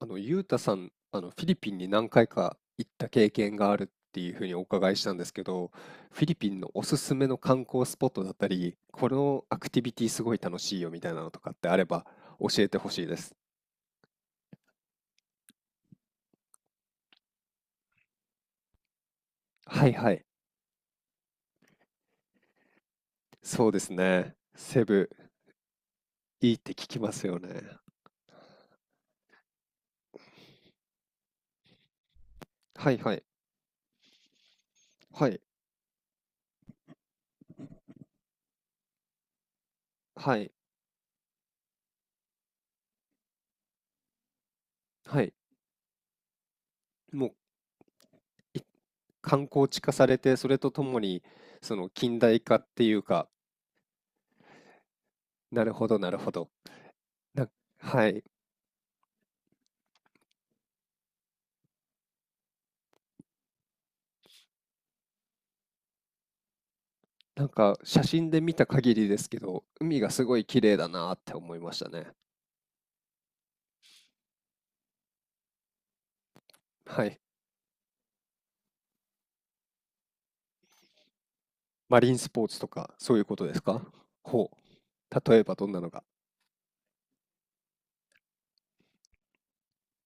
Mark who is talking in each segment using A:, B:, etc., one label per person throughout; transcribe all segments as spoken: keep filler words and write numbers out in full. A: あの、ゆうたさん、あの、フィリピンに何回か行った経験があるっていうふうにお伺いしたんですけど、フィリピンのおすすめの観光スポットだったり、このアクティビティすごい楽しいよみたいなのとかってあれば教えてほしいです。はいはい。そうですね。セブ、いいって聞きますよね。はいはい。はい。はい。はい。もう、い観光地化されて、それとともに、その近代化っていうか、なるほどなるほど。な、はい。なんか写真で見た限りですけど、海がすごい綺麗だなって思いましたね。はい。マリンスポーツとか、そういうことですか？ほう。例えばどんなのが。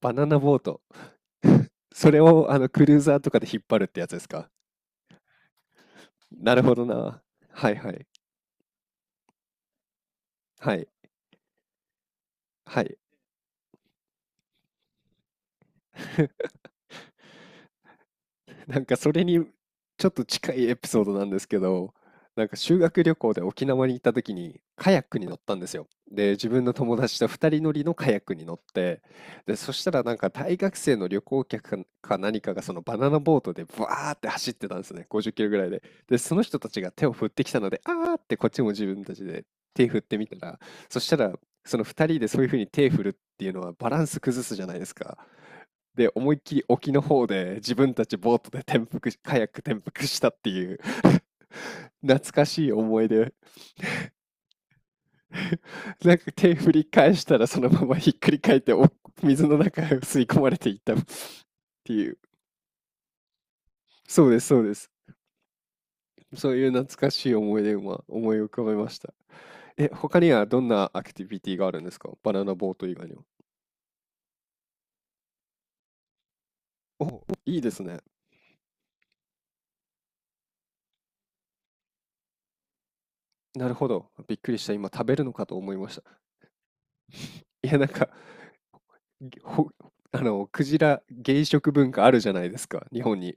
A: バナナボート。それをあのクルーザーとかで引っ張るってやつですか？なるほどな。はいはい。はい。はい。なんかそれにちょっと近いエピソードなんですけど、なんか修学旅行で沖縄に行った時にカヤックに乗ったんですよ。で、自分の友達とふたり乗りのカヤックに乗って、で、そしたらなんか大学生の旅行客かか何かがそのバナナボートでバーって走ってたんですね。ごじゅっキロぐらいで。で、その人たちが手を振ってきたので、あーってこっちも自分たちで手振ってみたら、そしたらそのふたりでそういうふうに手振るっていうのはバランス崩すじゃないですか。で、思いっきり沖の方で自分たちボートで転覆し、カヤック転覆したっていう懐かしい思い出。なんか手振り返したらそのままひっくり返ってお水の中へ吸い込まれていったっていう。そうです、そうです。そういう懐かしい思い出を今思い浮かべました。え、他にはどんなアクティビティがあるんですか？バナナボート以外には。お、いいですね。なるほど。びっくりした。今食べるのかと思いました。いや、なんか、ぎほ、あの、クジラ、芸食文化あるじゃないですか、日本に。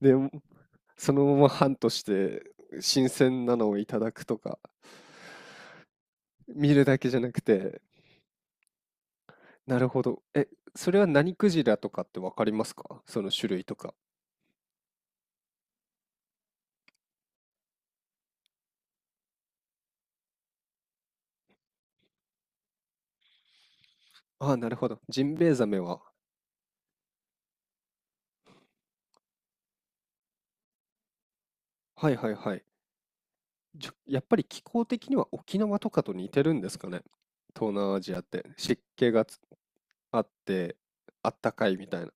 A: で、そのまま半として、新鮮なのをいただくとか、見るだけじゃなくて、なるほど。え、それは何クジラとかってわかりますか？その種類とか。ああ、なるほど。ジンベエザメは。はいはいはい。じょやっぱり気候的には沖縄とかと似てるんですかね？東南アジアって。湿気がつあって、あったかいみたいな。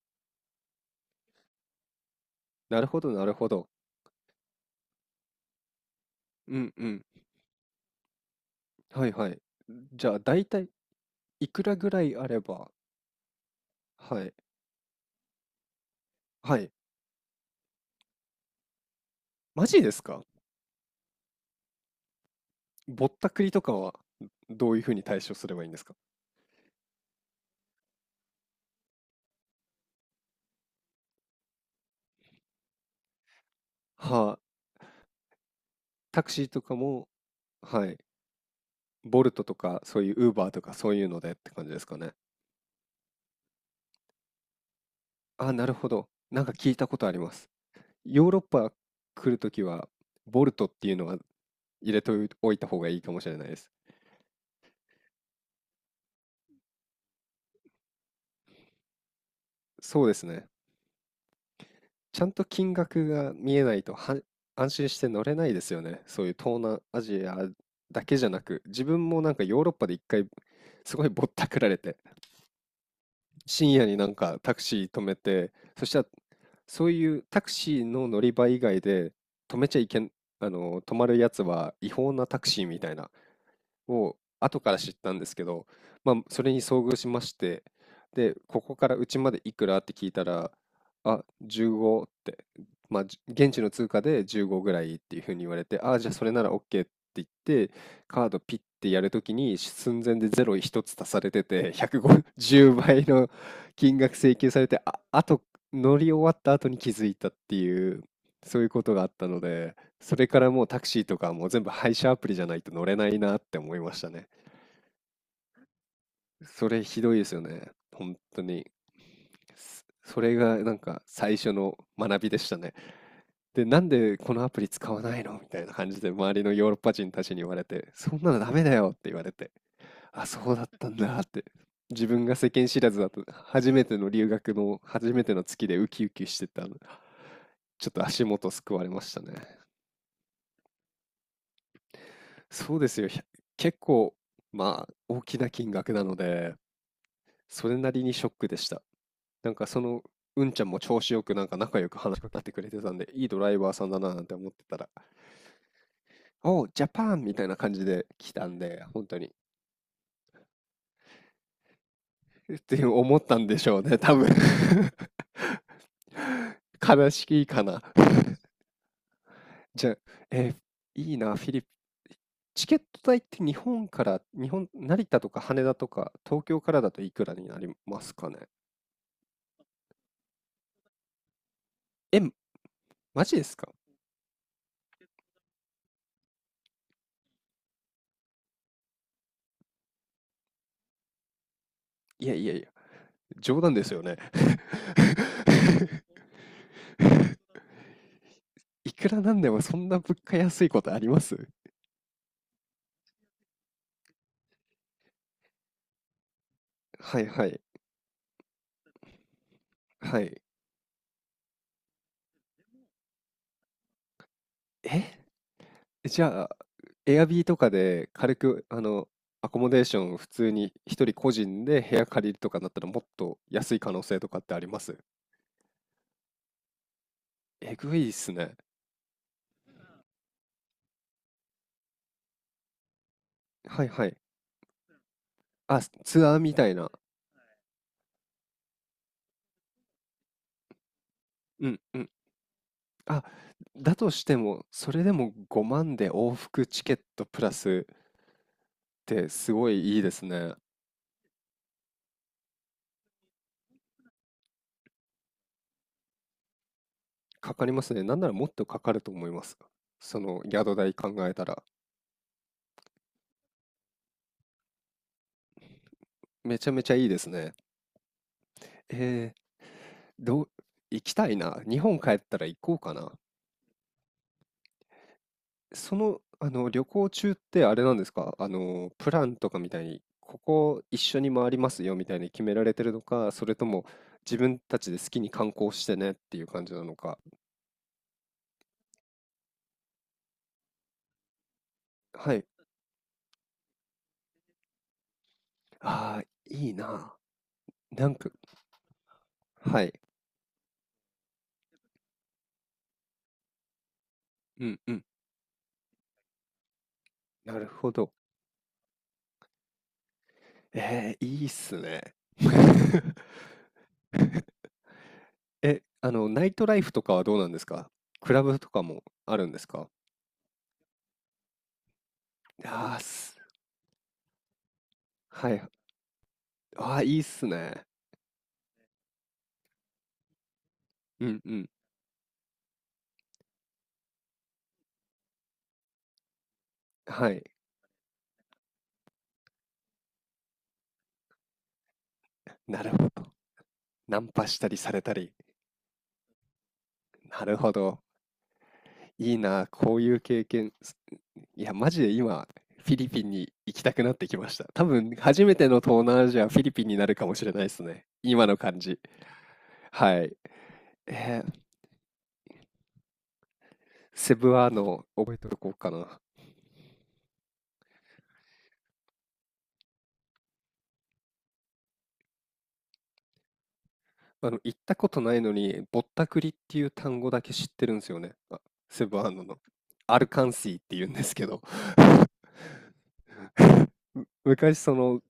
A: なるほどなるほど。うんうん。はいはい。じゃあ大体いくらぐらいあれば、はい。はい。マジですか？ぼったくりとかは、どういう風に対処すればいいんですか？はあ、タクシーとかも、はい。ボルトとかそういうウーバーとかそういうのでって感じですかね。ああ、なるほど。なんか聞いたことあります。ヨーロッパ来るときは、ボルトっていうのは入れておいた方がいいかもしれないです。そうですね。ちゃんと金額が見えないとは安心して乗れないですよね。そういう東南アジアだけじゃなく、自分もなんかヨーロッパで一回すごいぼったくられて、深夜になんかタクシー止めて、そしたらそういうタクシーの乗り場以外で止めちゃいけん、あの、止まるやつは違法なタクシーみたいなを後から知ったんですけど、まあ、それに遭遇しまして、で、ここからうちまでいくらって聞いたら、あ、じゅうごって、まあ、じ現地の通貨でじゅうごぐらいっていうふうに言われて、あ、じゃあそれなら OK って言って、カードピッてやるときに寸前でゼロ一つ足されてて、ひゃくごじゅうばいの金額請求されて、あ、あと乗り終わった後に気づいたっていう、そういうことがあったので、それからもうタクシーとかもう全部配車アプリじゃないと乗れないなって思いましたね。それひどいですよね。本当に。すそれがなんか最初の学びでしたね。で、なんでこのアプリ使わないのみたいな感じで周りのヨーロッパ人たちに言われて、そんなのダメだよって言われて、あ、そうだったんだって。自分が世間知らずだと、初めての留学の初めての月でウキウキしてたの。ちょっと足元すくわれましたね。そうですよ。ひゃ結構、まあ、大きな金額なので、それなりにショックでした。なんかその、うんちゃんも調子よくなんか仲良く話しかけてくれてたんで、いいドライバーさんだななんて思ってたら、おう、ジャパンみたいな感じで来たんで、本当に。って思ったんでしょうね、多分 悲しいかな。じゃあ、えーいいな、フィリピン。チケット代って日本から、日本、成田とか羽田とか、東京からだといくらになりますかね。えマジですか？いやいやいや、冗談ですよね。いくらなんでもそんな物価安いことあります？はいはいはい。え、じゃあ、エアビーとかで軽く、あの、アコモデーション普通に一人個人で部屋借りるとかだったらもっと安い可能性とかってあります？えぐいっすね。はいはい。あ、ツアーみたいな。うんうん。あ、だとしても、それでもごまんで往復チケットプラスってすごいいいですね。かかりますね。なんならもっとかかると思います。その宿代考えたら。めちゃめちゃいいですね。えー、どう、行きたいな。日本帰ったら行こうかな。その、あの、旅行中ってあれなんですか？あの、プランとかみたいに、ここ一緒に回りますよみたいに決められてるのか、それとも自分たちで好きに観光してねっていう感じなのか。はい。ああ、いいな。なんか、はい。うんうん。なるほど。えー、いいっすね。え、あの、ナイトライフとかはどうなんですか？クラブとかもあるんですか？ああす、はい。ああ、いいっすね。うんうん。はい。なるほど。ナンパしたりされたり。なるほど。いいな、こういう経験。すいや、マジで今、フィリピンに行きたくなってきました。多分、初めての東南アジア、フィリピンになるかもしれないですね。今の感じ。はい。えー、セブアの覚えておこうかな。あの、行ったことないのに、ぼったくりっていう単語だけ知ってるんですよね。あ、セブンアンドの。アルカンシーって言うんですけど。昔その、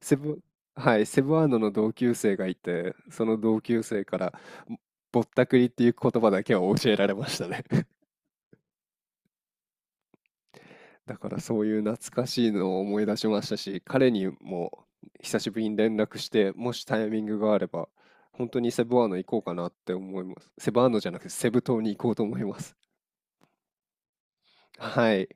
A: セブはい、セブンアンドの同級生がいて、その同級生から、ぼぼったくりっていう言葉だけは教えられましたね。だからそういう懐かしいのを思い出しましたし、彼にも久しぶりに連絡して、もしタイミングがあれば、本当にセブアーノ行こうかなって思います。セブアーノじゃなくてセブ島に行こうと思います。はい。